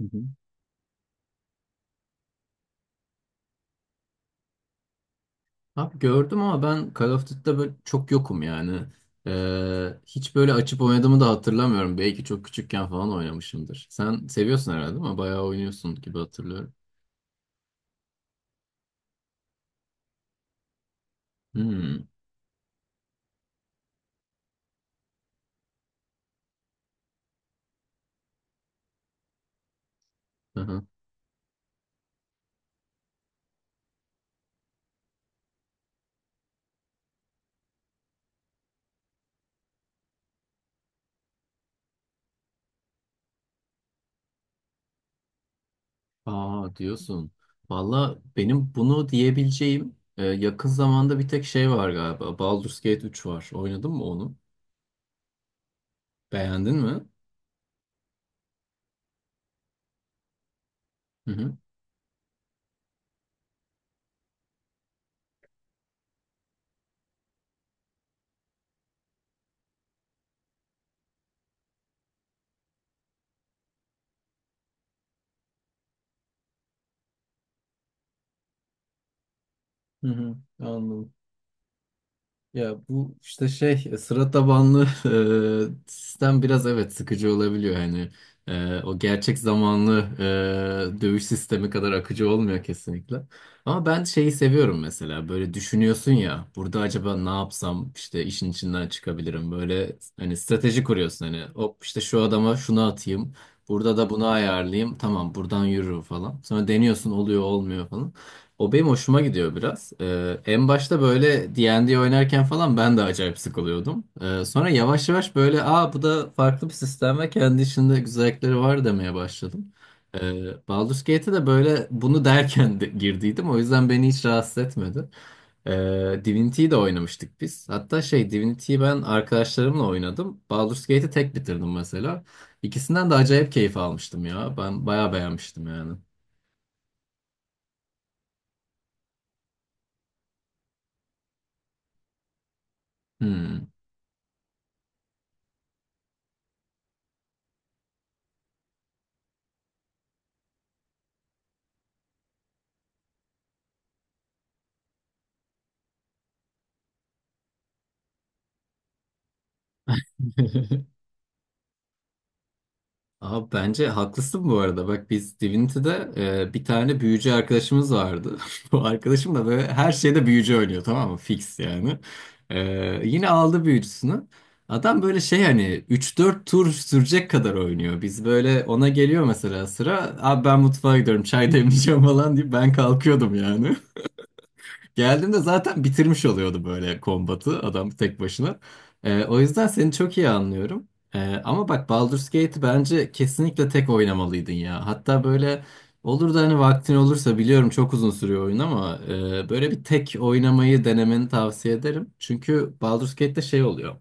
Hı hı. Abi gördüm ama ben Call of Duty'de böyle çok yokum yani. Hiç böyle açıp oynadığımı da hatırlamıyorum. Belki çok küçükken falan oynamışımdır. Sen seviyorsun herhalde ama bayağı oynuyorsun gibi hatırlıyorum. Hmm. Aa, diyorsun. Valla benim bunu diyebileceğim yakın zamanda bir tek şey var galiba. Baldur's Gate üç var. Oynadın mı onu? Beğendin mi? Hı hı. Hı hı. Anladım. Ya bu işte şey, sıra tabanlı sistem biraz evet sıkıcı olabiliyor hani. O gerçek zamanlı dövüş sistemi kadar akıcı olmuyor kesinlikle. Ama ben şeyi seviyorum, mesela böyle düşünüyorsun ya burada acaba ne yapsam işte işin içinden çıkabilirim, böyle hani strateji kuruyorsun, hani hop işte şu adama şunu atayım, burada da bunu ayarlayayım, tamam buradan yürürüm falan, sonra deniyorsun oluyor olmuyor falan. O benim hoşuma gidiyor biraz. En başta böyle D&D oynarken falan ben de acayip sıkılıyordum. Sonra yavaş yavaş böyle aa, bu da farklı bir sistem ve kendi içinde güzellikleri var demeye başladım. Baldur's Gate'e de böyle bunu derken de girdiydim. O yüzden beni hiç rahatsız etmedi. Divinity'yi de oynamıştık biz. Hatta şey, Divinity'yi ben arkadaşlarımla oynadım. Baldur's Gate'i tek bitirdim mesela. İkisinden de acayip keyif almıştım ya. Ben bayağı beğenmiştim yani. Hmm. Abi bence haklısın bu arada. Bak biz Divinity'de bir tane büyücü arkadaşımız vardı. Bu arkadaşım da böyle her şeyde büyücü oynuyor, tamam mı? Fix yani. E, Yine aldı büyücüsünü. Adam böyle şey hani üç dört tur sürecek kadar oynuyor. Biz böyle ona geliyor mesela sıra. Abi ben mutfağa gidiyorum çay demleyeceğim falan deyip ben kalkıyordum yani. Geldiğimde zaten bitirmiş oluyordu böyle kombatı adam tek başına. O yüzden seni çok iyi anlıyorum. Ama bak Baldur's Gate'i bence kesinlikle tek oynamalıydın ya. Hatta böyle olur da hani vaktin olursa, biliyorum çok uzun sürüyor oyun, ama böyle bir tek oynamayı denemeni tavsiye ederim. Çünkü Baldur's Gate'de şey oluyor.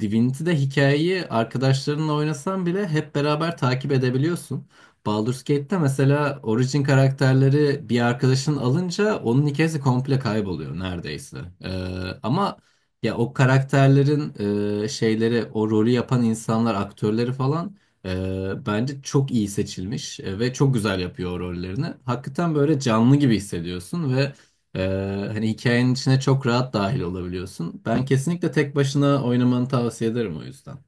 Divinity'de hikayeyi arkadaşlarınla oynasan bile hep beraber takip edebiliyorsun. Baldur's Gate'te mesela origin karakterleri bir arkadaşın alınca onun hikayesi komple kayboluyor neredeyse. Ee, ama ya o karakterlerin şeyleri, o rolü yapan insanlar, aktörleri falan bence çok iyi seçilmiş ve çok güzel yapıyor o rollerini. Hakikaten böyle canlı gibi hissediyorsun ve e, hani hikayenin içine çok rahat dahil olabiliyorsun. Ben kesinlikle tek başına oynamanı tavsiye ederim o yüzden.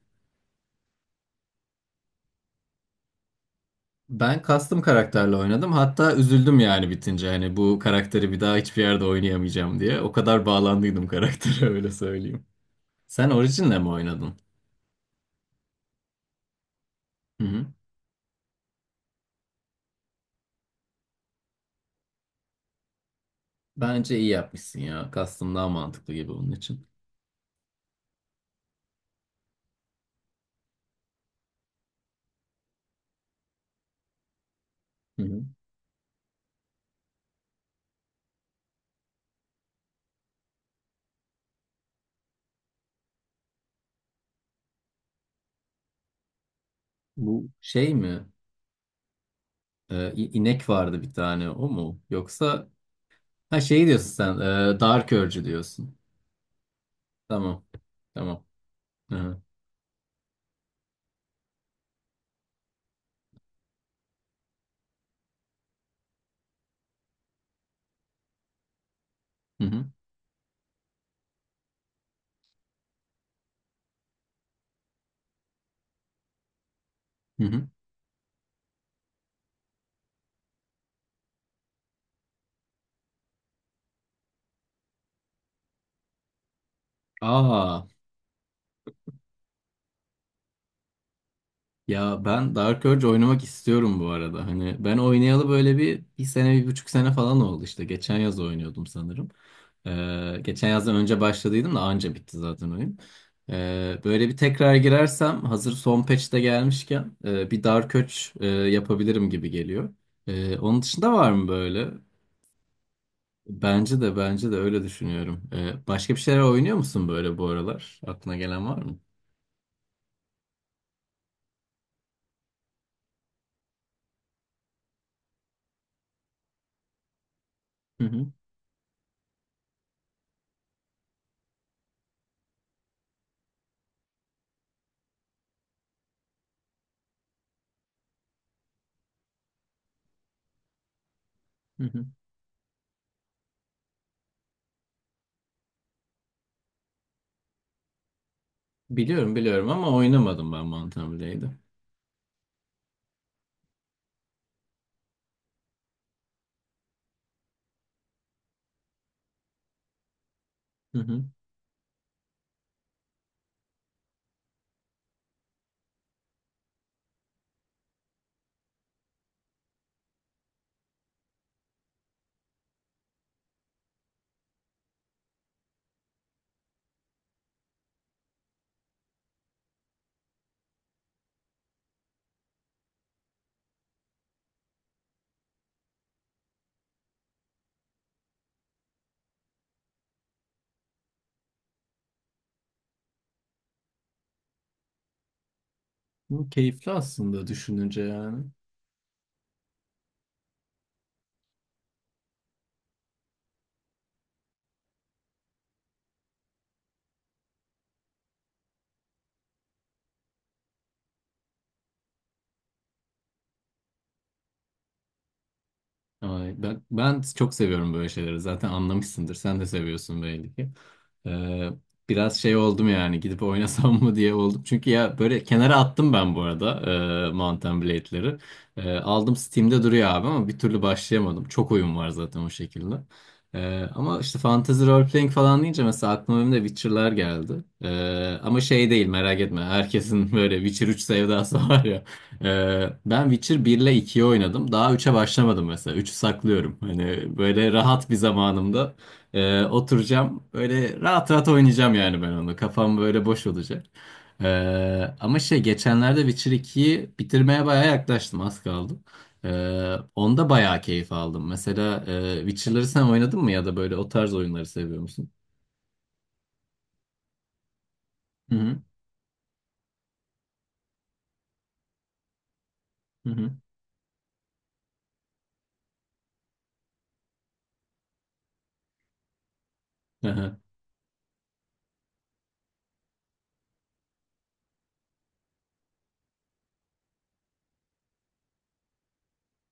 Ben custom karakterle oynadım. Hatta üzüldüm yani bitince. Hani bu karakteri bir daha hiçbir yerde oynayamayacağım diye. O kadar bağlandıydım karaktere öyle söyleyeyim. Sen orijinle mi oynadın? Hı hı. Bence iyi yapmışsın ya. Custom daha mantıklı gibi onun için. Hı hı. Bu şey mi? İnek vardı bir tane, o mu? Yoksa ha, şey diyorsun sen. Dark Urge diyorsun. Tamam. Tamam. Hı hı. Hı hı. Hı hı. Aa. Ya ben Dark Urge oynamak istiyorum bu arada. Hani ben oynayalı böyle bir sene, bir buçuk sene falan oldu işte. Geçen yaz oynuyordum sanırım. Geçen yazdan önce başladıydım da anca bitti zaten oyun. Böyle bir tekrar girersem hazır son patch de gelmişken bir Dark Urge yapabilirim gibi geliyor. Onun dışında var mı böyle? Bence de, bence de öyle düşünüyorum. Başka bir şeyler oynuyor musun böyle bu aralar? Aklına gelen var mı? Hı hı. Biliyorum, biliyorum ama oynamadım ben Mountain Blade'i. Hı hı. Bu keyifli aslında düşününce yani. Ay, ben çok seviyorum böyle şeyleri. Zaten anlamışsındır. Sen de seviyorsun belli ki. Ee, Biraz şey oldum yani gidip oynasam mı diye oldum. Çünkü ya böyle kenara attım ben bu arada Mountain Blade'leri. Aldım, Steam'de duruyor abi ama bir türlü başlayamadım. Çok oyun var zaten o şekilde. Ama işte fantasy role playing falan deyince mesela aklıma benim de Witcher'lar geldi. Ama şey değil, merak etme. Herkesin böyle Witcher üç sevdası var ya. Ben Witcher 1 ile 2'yi oynadım. Daha üçe başlamadım mesela. 3'ü saklıyorum. Hani böyle rahat bir zamanımda oturacağım. Böyle rahat rahat oynayacağım yani ben onu. Kafam böyle boş olacak. Ama şey geçenlerde Witcher ikiyi bitirmeye bayağı yaklaştım. Az kaldı. Onda bayağı keyif aldım. Mesela Witcher'ları sen oynadın mı ya da böyle o tarz oyunları seviyor musun? Hı hı. Hı hı. Aha.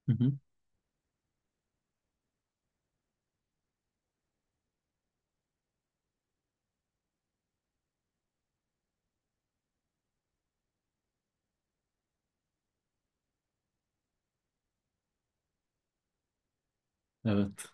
Hı hı. Evet.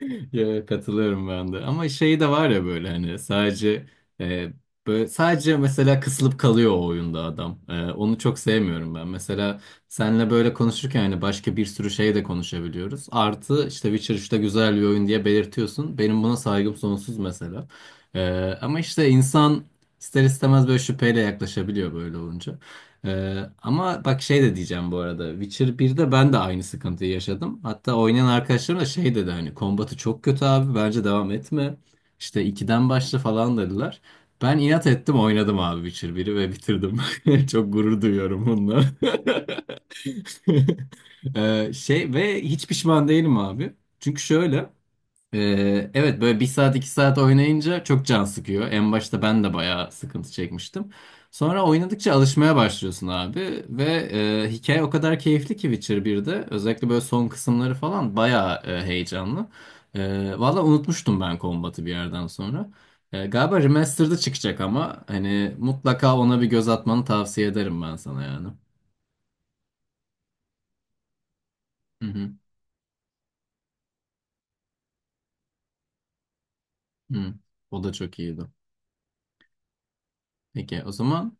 Ya, katılıyorum ben de. Ama şey de var ya, böyle hani sadece e, böyle sadece mesela kısılıp kalıyor o oyunda adam. E, onu çok sevmiyorum ben. Mesela seninle böyle konuşurken hani başka bir sürü şey de konuşabiliyoruz. Artı işte Witcher 3'te güzel bir oyun diye belirtiyorsun. Benim buna saygım sonsuz mesela. E, Ama işte insan ister istemez böyle şüpheyle yaklaşabiliyor böyle olunca. Ama bak şey de diyeceğim bu arada. Witcher 1'de ben de aynı sıkıntıyı yaşadım. Hatta oynayan arkadaşlarım da şey dedi hani kombatı çok kötü abi, bence devam etme. İşte ikiden başla falan dediler. Ben inat ettim, oynadım abi Witcher biri ve bitirdim. Çok gurur duyuyorum bununla. Şey ve hiç pişman değilim abi. Çünkü şöyle, evet böyle bir saat iki saat oynayınca çok can sıkıyor. En başta ben de bayağı sıkıntı çekmiştim. Sonra oynadıkça alışmaya başlıyorsun abi ve hikaye o kadar keyifli ki Witcher 1'de özellikle böyle son kısımları falan bayağı heyecanlı. Valla unutmuştum ben kombatı bir yerden sonra. Galiba remastered'ı çıkacak ama hani mutlaka ona bir göz atmanı tavsiye ederim ben sana yani. Hı hı, hı. O da çok iyiydi. Peki o zaman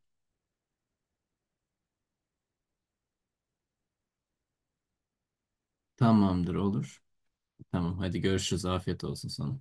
tamamdır, olur. Tamam, hadi görüşürüz. Afiyet olsun sana.